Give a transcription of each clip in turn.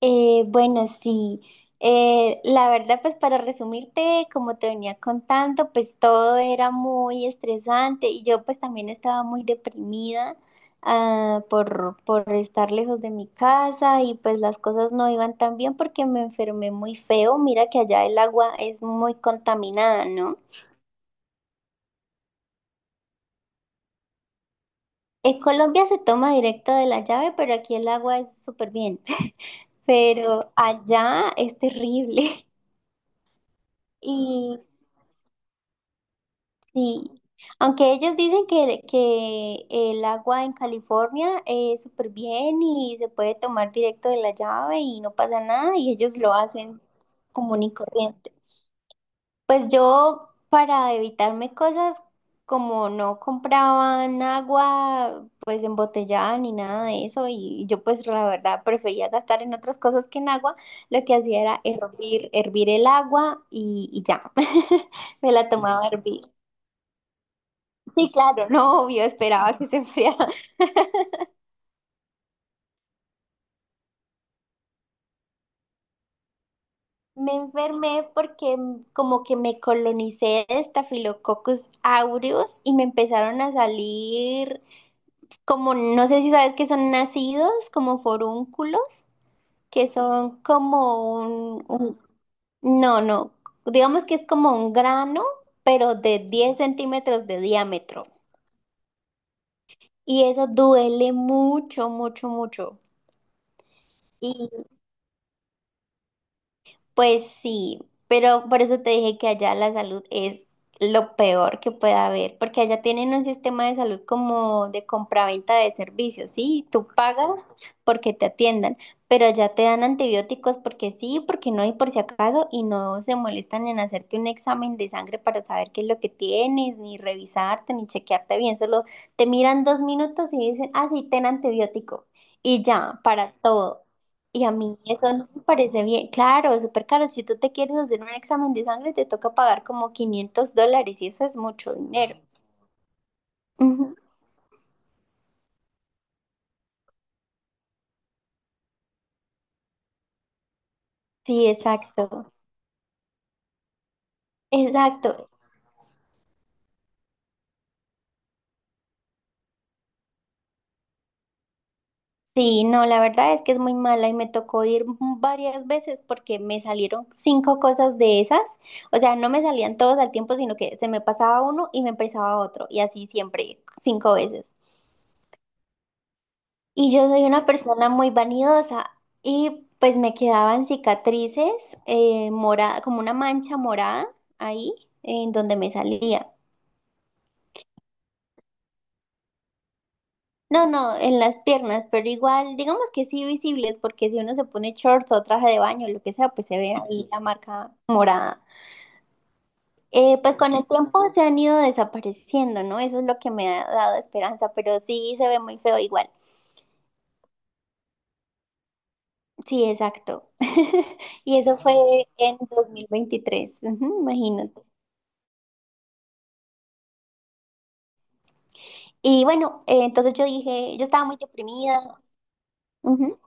Bueno, sí. La verdad, pues para resumirte, como te venía contando, pues todo era muy estresante y yo pues también estaba muy deprimida por estar lejos de mi casa, y pues las cosas no iban tan bien porque me enfermé muy feo. Mira que allá el agua es muy contaminada, ¿no? En Colombia se toma directo de la llave, pero aquí el agua es súper bien. Pero allá es terrible. Y sí, aunque ellos dicen que el agua en California es súper bien y se puede tomar directo de la llave y no pasa nada, y ellos lo hacen común y corriente. Pues yo, para evitarme cosas como no compraban agua pues embotellada ni nada de eso, y yo pues la verdad prefería gastar en otras cosas que en agua, lo que hacía era hervir el agua y ya, me la tomaba a hervir. Sí, claro, no, obvio, esperaba que se enfriara. Me enfermé porque como que me colonicé de Staphylococcus aureus y me empezaron a salir como, no sé si sabes que son nacidos, como forúnculos, que son como no, no, digamos que es como un grano, pero de 10 centímetros de diámetro. Y eso duele mucho, mucho, mucho. Pues sí, pero por eso te dije que allá la salud es lo peor que puede haber, porque allá tienen un sistema de salud como de compraventa de servicios, ¿sí? Tú pagas porque te atiendan, pero allá te dan antibióticos porque sí, porque no y por si acaso, y no se molestan en hacerte un examen de sangre para saber qué es lo que tienes, ni revisarte, ni chequearte bien, solo te miran 2 minutos y dicen, ah, sí, ten antibiótico, y ya, para todo. Y a mí eso no me parece bien. Claro, es súper caro. Si tú te quieres hacer un examen de sangre, te toca pagar como 500 dólares, y eso es mucho dinero. Ujú. Sí, exacto. Exacto. Sí, no, la verdad es que es muy mala y me tocó ir varias veces porque me salieron cinco cosas de esas. O sea, no me salían todos al tiempo, sino que se me pasaba uno y me empezaba otro. Y así siempre, cinco veces. Y yo soy una persona muy vanidosa y pues me quedaban cicatrices morada, como una mancha morada ahí en donde me salía. No, no, en las piernas, pero igual, digamos que sí visibles, porque si uno se pone shorts o traje de baño, lo que sea, pues se ve ahí la marca morada. Pues con el tiempo se han ido desapareciendo, ¿no? Eso es lo que me ha dado esperanza, pero sí se ve muy feo igual. Sí, exacto. Y eso fue en 2023, ujú, imagínate. Y bueno, entonces yo dije, yo estaba muy deprimida, ujú,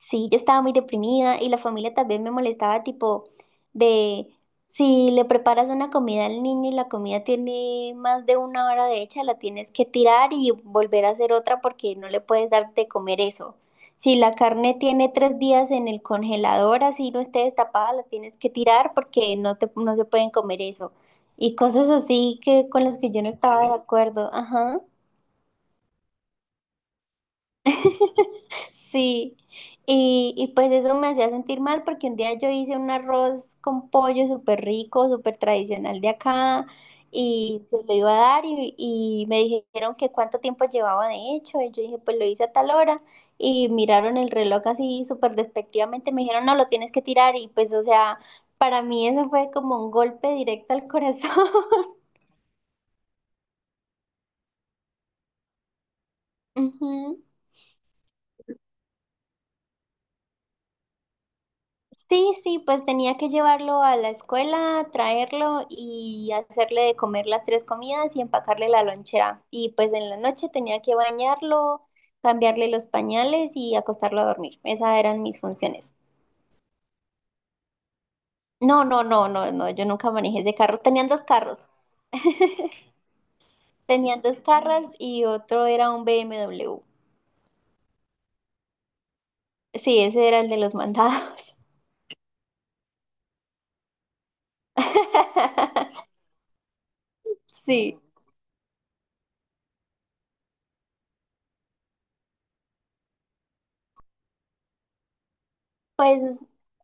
sí, yo estaba muy deprimida, y la familia también me molestaba tipo de, si le preparas una comida al niño y la comida tiene más de una hora de hecha, la tienes que tirar y volver a hacer otra porque no le puedes dar de comer eso. Si la carne tiene 3 días en el congelador, así no esté destapada, la tienes que tirar porque no se pueden comer eso. Y cosas así, que con las que yo no estaba de acuerdo, ajá. Sí, y pues eso me hacía sentir mal porque un día yo hice un arroz con pollo súper rico, súper tradicional de acá, y se lo iba a dar y me dijeron que cuánto tiempo llevaba de hecho, y yo dije, pues lo hice a tal hora, y miraron el reloj así súper despectivamente, me dijeron, no, lo tienes que tirar, y pues o sea, para mí eso fue como un golpe directo al corazón. Ujú. Sí, sí, pues tenía que llevarlo a la escuela, traerlo y hacerle de comer las tres comidas y empacarle la lonchera. Y pues en la noche tenía que bañarlo, cambiarle los pañales y acostarlo a dormir. Esas eran mis funciones. No, no, no, no, no, yo nunca manejé ese carro. Tenían dos carros, tenían dos carros, y otro era un BMW. Sí, ese era el de los mandados. Sí, pues,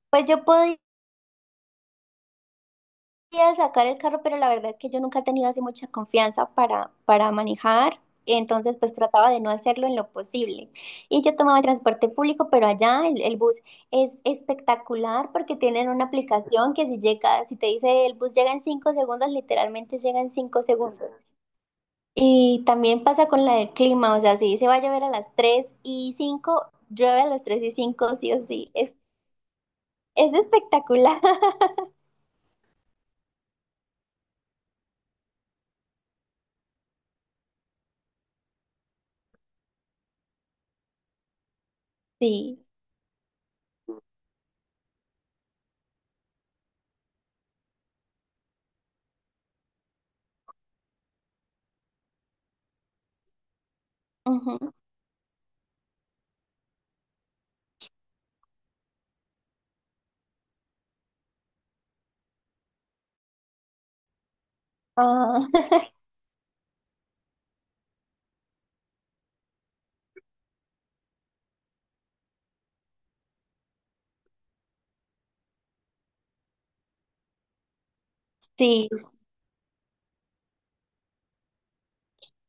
pues yo podía, quería sacar el carro, pero la verdad es que yo nunca he tenido así mucha confianza para manejar. Entonces, pues trataba de no hacerlo en lo posible. Y yo tomaba el transporte público, pero allá el bus es espectacular porque tienen una aplicación que si llega, si te dice el bus llega en 5 segundos, literalmente llega en 5 segundos. Y también pasa con la del clima, o sea, si se va a llover a las 3:05, llueve a las 3:05 sí o sí. Es espectacular. Sí. Ujú. Ah, sí.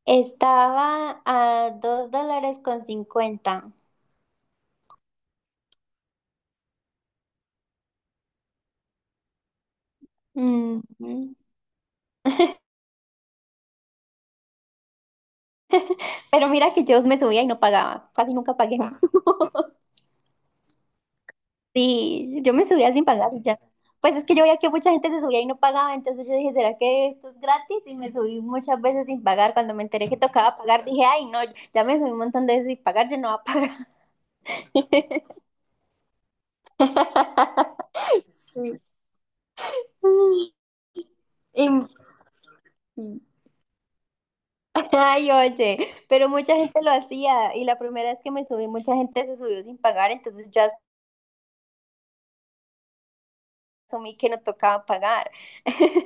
Estaba a $2.50. Ujú. Pero mira que yo me subía y no pagaba, casi nunca pagué. Sí, yo me subía sin pagar y ya. Pues es que yo veía que mucha gente se subía y no pagaba, entonces yo dije, ¿será que esto es gratis? Y me subí muchas veces sin pagar. Cuando me enteré que tocaba pagar, dije, ay, no, ya me subí un montón de veces sin pagar, yo no voy a pagar. Sí. Y- sí. Ay, oye, pero mucha gente lo hacía y la primera vez que me subí, mucha gente se subió sin pagar, entonces ya asumí que no tocaba pagar.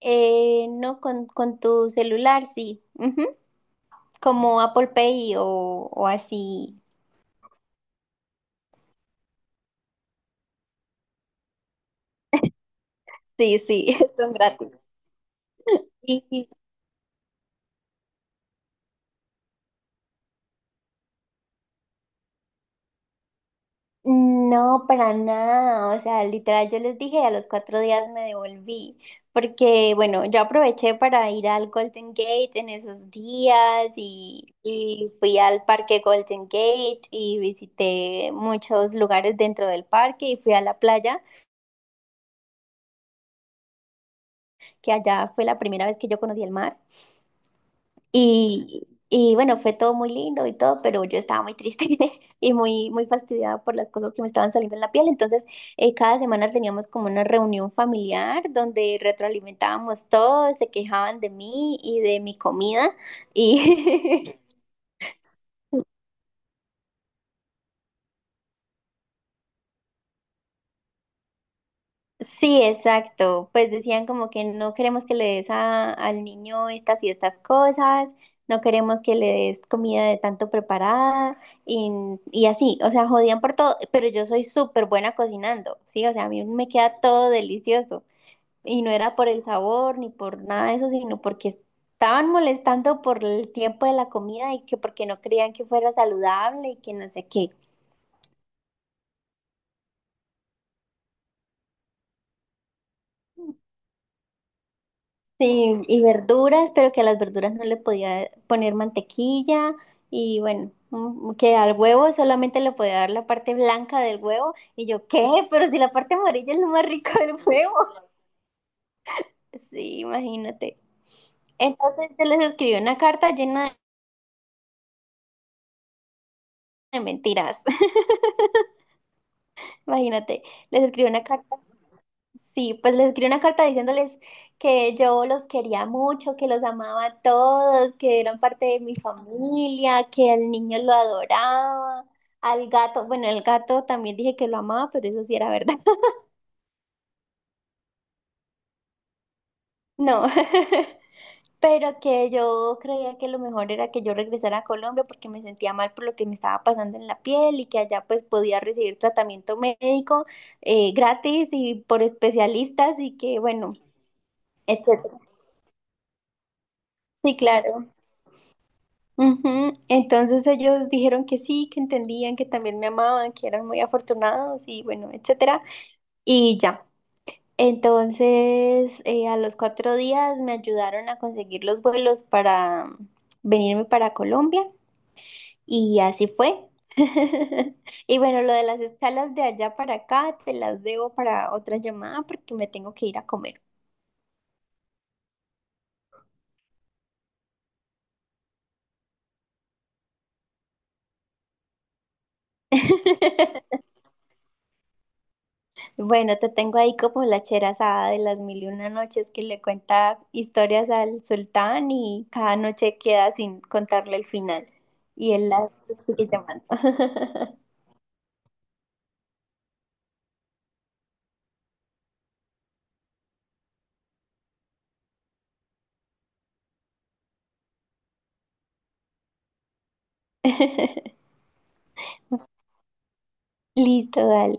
No, con tu celular, sí. Ujú, como Apple Pay o así. Sí, sí, son gratis. Sí, sí. No, para nada. O sea, literal, yo les dije, a los 4 días me devolví. Porque, bueno, yo aproveché para ir al Golden Gate en esos días y fui al parque Golden Gate y visité muchos lugares dentro del parque y fui a la playa, que allá fue la primera vez que yo conocí el mar. Y bueno, fue todo muy lindo y todo, pero yo estaba muy triste y muy, muy fastidiada por las cosas que me estaban saliendo en la piel. Entonces, cada semana teníamos como una reunión familiar donde retroalimentábamos todo, se quejaban de mí y de mi comida. Y, sí, exacto. Pues decían como que no queremos que le des al niño estas y estas cosas, no queremos que le des comida de tanto preparada, y, y así, o sea, jodían por todo, pero yo soy súper buena cocinando, sí, o sea, a mí me queda todo delicioso, y no era por el sabor ni por nada de eso, sino porque estaban molestando por el tiempo de la comida y que porque no creían que fuera saludable y que no sé qué. Sí, y verduras, pero que a las verduras no le podía poner mantequilla, y bueno, que al huevo solamente le podía dar la parte blanca del huevo, y yo, ¿qué? Pero si la parte amarilla es lo más rico del huevo. Sí, imagínate. Entonces yo les escribí una carta llena de mentiras. Imagínate, les escribí una carta. Sí, pues les escribí una carta diciéndoles que yo los quería mucho, que los amaba a todos, que eran parte de mi familia, que al niño lo adoraba, al gato, bueno, el gato también dije que lo amaba, pero eso sí era verdad. No, pero que yo creía que lo mejor era que yo regresara a Colombia porque me sentía mal por lo que me estaba pasando en la piel, y que allá pues podía recibir tratamiento médico gratis y por especialistas y que bueno, etcétera. Sí, claro. Ujú. Entonces ellos dijeron que sí, que entendían, que también me amaban, que eran muy afortunados y bueno, etcétera. Y ya. Entonces a los 4 días me ayudaron a conseguir los vuelos para venirme para Colombia, y así fue. Y bueno, lo de las escalas de allá para acá te las debo para otra llamada porque me tengo que ir a comer. Bueno, te tengo ahí como la Cherazada de las mil y una noches, que le cuenta historias al sultán y cada noche queda sin contarle el final. Y él la sigue llamando. Listo, dale.